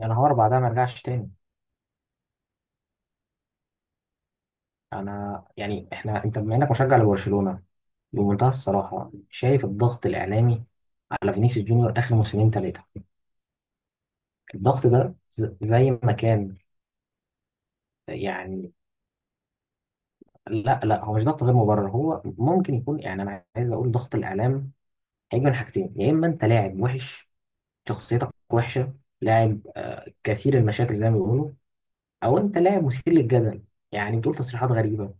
يا نهار بعدها ما رجعش تاني. انا يعني احنا انت بما انك مشجع لبرشلونه، بمنتهى الصراحه شايف الضغط الاعلامي على فينيسيوس جونيور اخر موسمين ثلاثه، الضغط ده زي ما كان يعني. لا، هو مش ضغط غير مبرر، هو ممكن يكون، يعني انا عايز اقول ضغط الاعلام هيجي من حاجتين، يا اما انت لاعب وحش، شخصيتك وحشه، لاعب كثير المشاكل زي ما بيقولوا، او انت لاعب مثير للجدل، يعني بتقول تصريحات غريبه،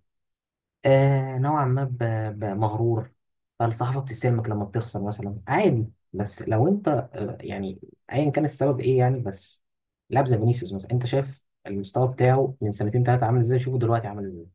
آه نوعا ما مغرور، فالصحافة بتستلمك لما بتخسر مثلا عادي. بس لو انت يعني ايا كان السبب ايه يعني. بس لاعب زي فينيسيوس مثلا، انت شايف المستوى بتاعه من سنتين ثلاثة عامل ازاي؟ شوفه دلوقتي عامل ازاي.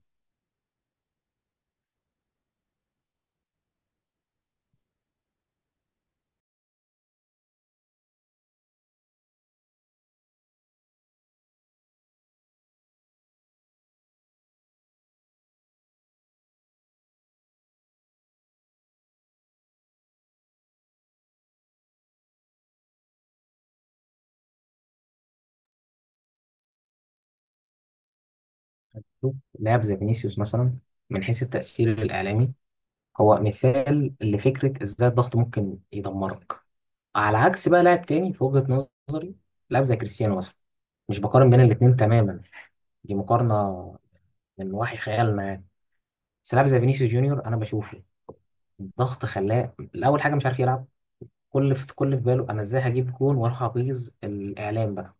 شوف لاعب زي فينيسيوس مثلا، من حيث التأثير الإعلامي هو مثال لفكرة ازاي الضغط ممكن يدمرك. على عكس بقى لاعب تاني في وجهة نظري، لاعب زي كريستيانو مثلا. مش بقارن بين الاتنين تماما، دي مقارنة من وحي خيالنا يعني. بس لاعب زي فينيسيوس جونيور انا بشوفه الضغط خلاه الاول حاجه مش عارف يلعب. كل في باله انا ازاي هجيب جون واروح ابيظ الاعلام بقى،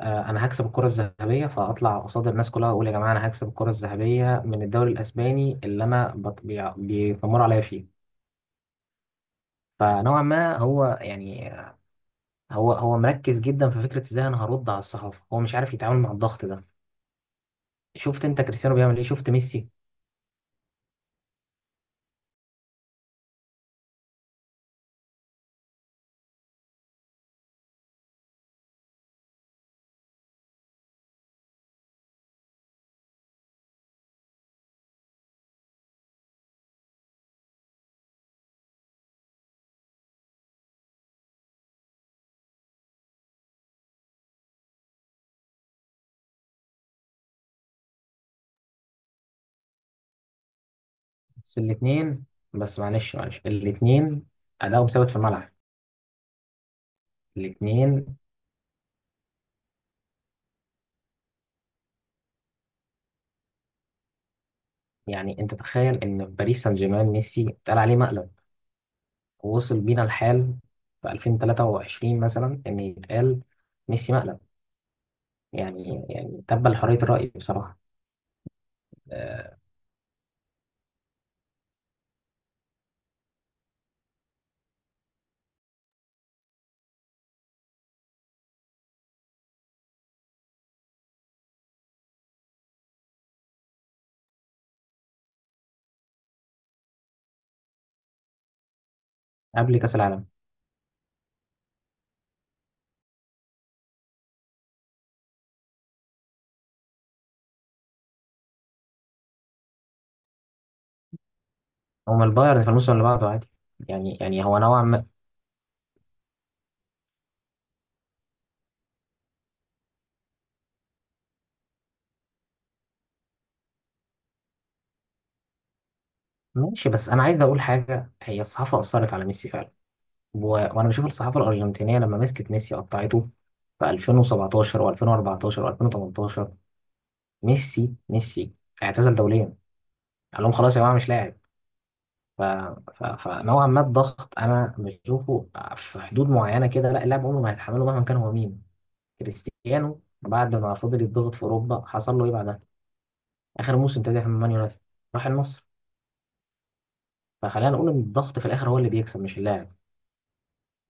انا هكسب الكره الذهبيه، فاطلع قصاد الناس كلها واقول يا جماعه انا هكسب الكره الذهبيه من الدوري الاسباني اللي انا بيتمروا عليا فيه. فنوعا ما هو يعني هو مركز جدا في فكره ازاي انا هرد على الصحافه، هو مش عارف يتعامل مع الضغط ده. شفت انت كريستيانو بيعمل ايه؟ شفت ميسي؟ بس الاثنين، بس معلش الاثنين ادائهم ثابت في الملعب. الاثنين يعني، انت تخيل ان في باريس سان جيرمان ميسي اتقال عليه مقلب، ووصل بينا الحال في 2023 مثلا ان يتقال ميسي مقلب، يعني تبا لحرية الرأي بصراحة. أه قبل كأس العالم. هما البايرن في الموسم اللي بعده عادي، يعني هو نوعا ما. ماشي، بس انا عايز اقول حاجة، هي الصحافة أثرت على ميسي فعلا، و- وانا بشوف الصحافة الأرجنتينية لما مسكت ميسي قطعته، في 2017 و2014 و2018 ميسي اعتزل دوليا، قال لهم خلاص يا جماعة مش لاعب. ف... فنوعا ما الضغط انا مش بشوفه في حدود معينه كده، لا، اللاعب عمره ما هيتحمله مهما كان هو مين. كريستيانو بعد ما فضل يتضغط في اوروبا حصل له ايه بعدها؟ اخر موسم ابتدى من مان يونايتد، راح النصر. فخلينا نقول ان الضغط في الاخر هو اللي بيكسب مش اللاعب.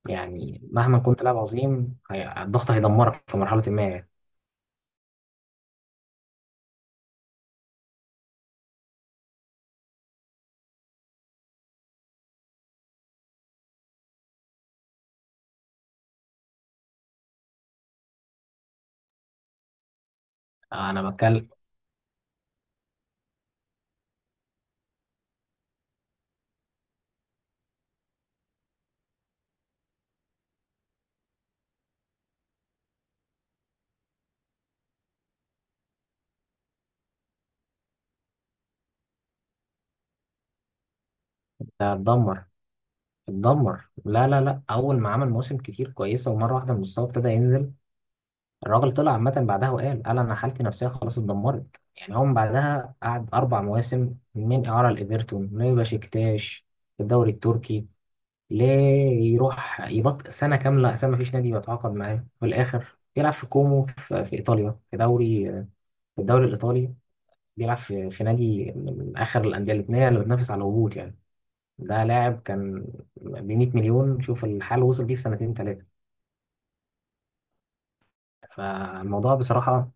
يعني مهما كنت لاعب عظيم، الضغط هيدمرك في مرحله ما يعني. انا بتكلم. ده اتدمر. اتدمر لا، اول ما عمل موسم كتير كويسه ومره واحده المستوى ابتدى ينزل. الراجل طلع عامة بعدها قال أنا حالتي النفسية خلاص اتدمرت. يعني هو من بعدها قعد أربع مواسم من إعارة لإيفرتون لبشكتاش في الدوري التركي. ليه؟ يروح يبط سنة كاملة، أساسا مفيش نادي بيتعاقد معاه، في الآخر بيلعب في كومو، في إيطاليا في دوري، في الدوري الإيطالي. بيلعب في نادي من آخر الأندية اللبنانية اللي بتنافس على الهبوط يعني. ده لاعب كان ب 100 مليون، شوف الحال وصل بيه في سنتين ثلاثة. فالموضوع بصراحة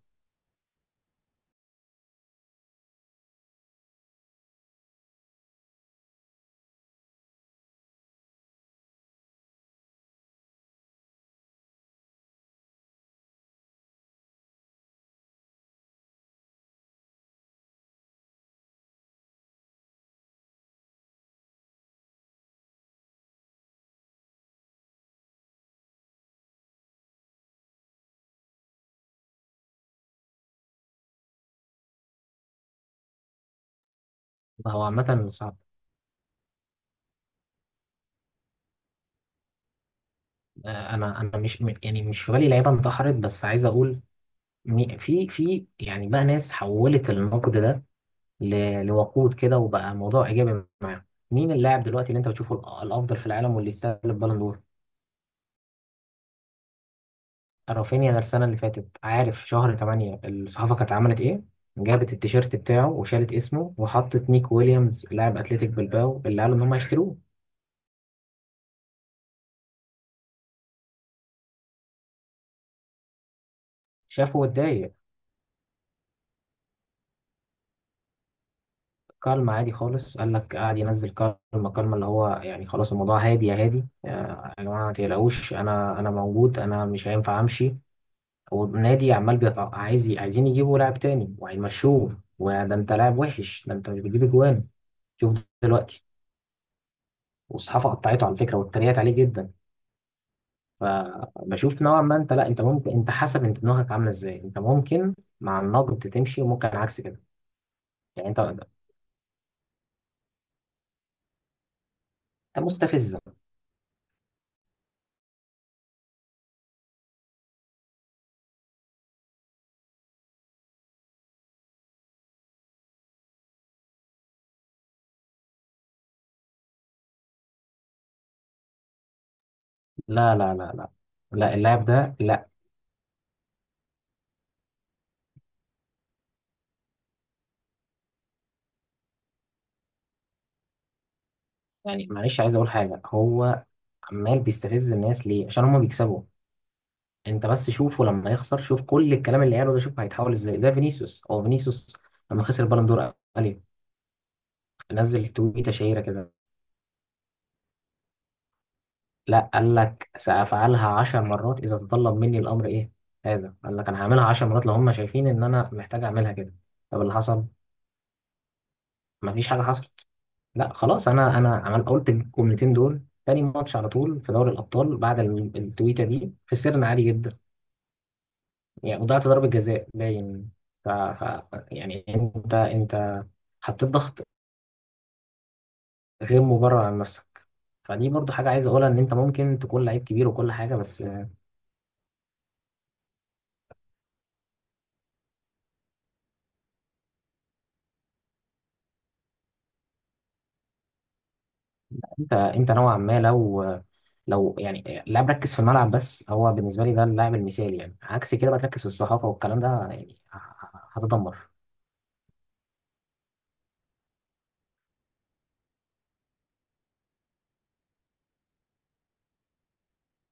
هو عامة صعب. انا انا مش م- يعني مش في بالي لعيبه انتحرت، بس عايز اقول في يعني بقى ناس حولت النقد ده لوقود كده وبقى موضوع ايجابي معاهم. مين اللاعب دلوقتي اللي انت بتشوفه الافضل في العالم واللي يستاهل البالون دور؟ رافينيا؟ ده السنه اللي فاتت عارف شهر 8 الصحافه كانت عملت ايه؟ جابت التيشيرت بتاعه وشالت اسمه وحطت نيك ويليامز لاعب اتلتيك بلباو اللي قالوا ان هم هيشتروه. شافوا واتضايق. كالما عادي خالص، قال لك قاعد ينزل، كالما اللي هو يعني خلاص الموضوع هادي يا هادي، آه، يا جماعه ما تقلقوش انا موجود، انا مش هينفع امشي، والنادي عمال عايز عايزين يجيبوا لاعب تاني وهيمشوه، وده انت لاعب وحش، ده انت مش بتجيب اجوان. شوف دلوقتي، والصحافه قطعته على فكره واتريقت عليه جدا. فبشوف نوعا ما انت، لا، انت ممكن، انت حسب انت دماغك عامله ازاي، انت ممكن مع النقد تمشي وممكن عكس كده يعني. انت مستفزه؟ لا، لا اللاعب ده لا. يعني معلش عايز اقول حاجه، هو عمال بيستفز الناس ليه؟ عشان هما بيكسبوا. انت بس شوفه لما يخسر، شوف كل الكلام اللي قاله ده شوف هيتحول ازاي، زي فينيسيوس. فينيسيوس لما خسر البالون دور قال ايه؟ نزل تويته شهيره كده، لا قال لك سافعلها 10 مرات اذا تطلب مني الامر ايه. هذا قال لك انا هعملها 10 مرات لو هما شايفين ان انا محتاج اعملها كده. طب اللي حصل؟ مفيش حاجه حصلت. لا خلاص، انا عمل قلت الجملتين دول تاني ماتش على طول في دوري الابطال. بعد التويته دي خسرنا عادي جدا، يعني وضعت ضربة جزاء باين. يعني انت حطيت ضغط غير مبرر على نفسك. فدي برضو حاجة عايز اقولها، ان انت ممكن تكون لعيب كبير وكل حاجة، بس انت نوعا ما لو، لو يعني لاعب ركز في الملعب بس، هو بالنسبة لي ده اللاعب المثالي يعني. عكس كده بقى تركز في الصحافة والكلام ده يعني هتدمر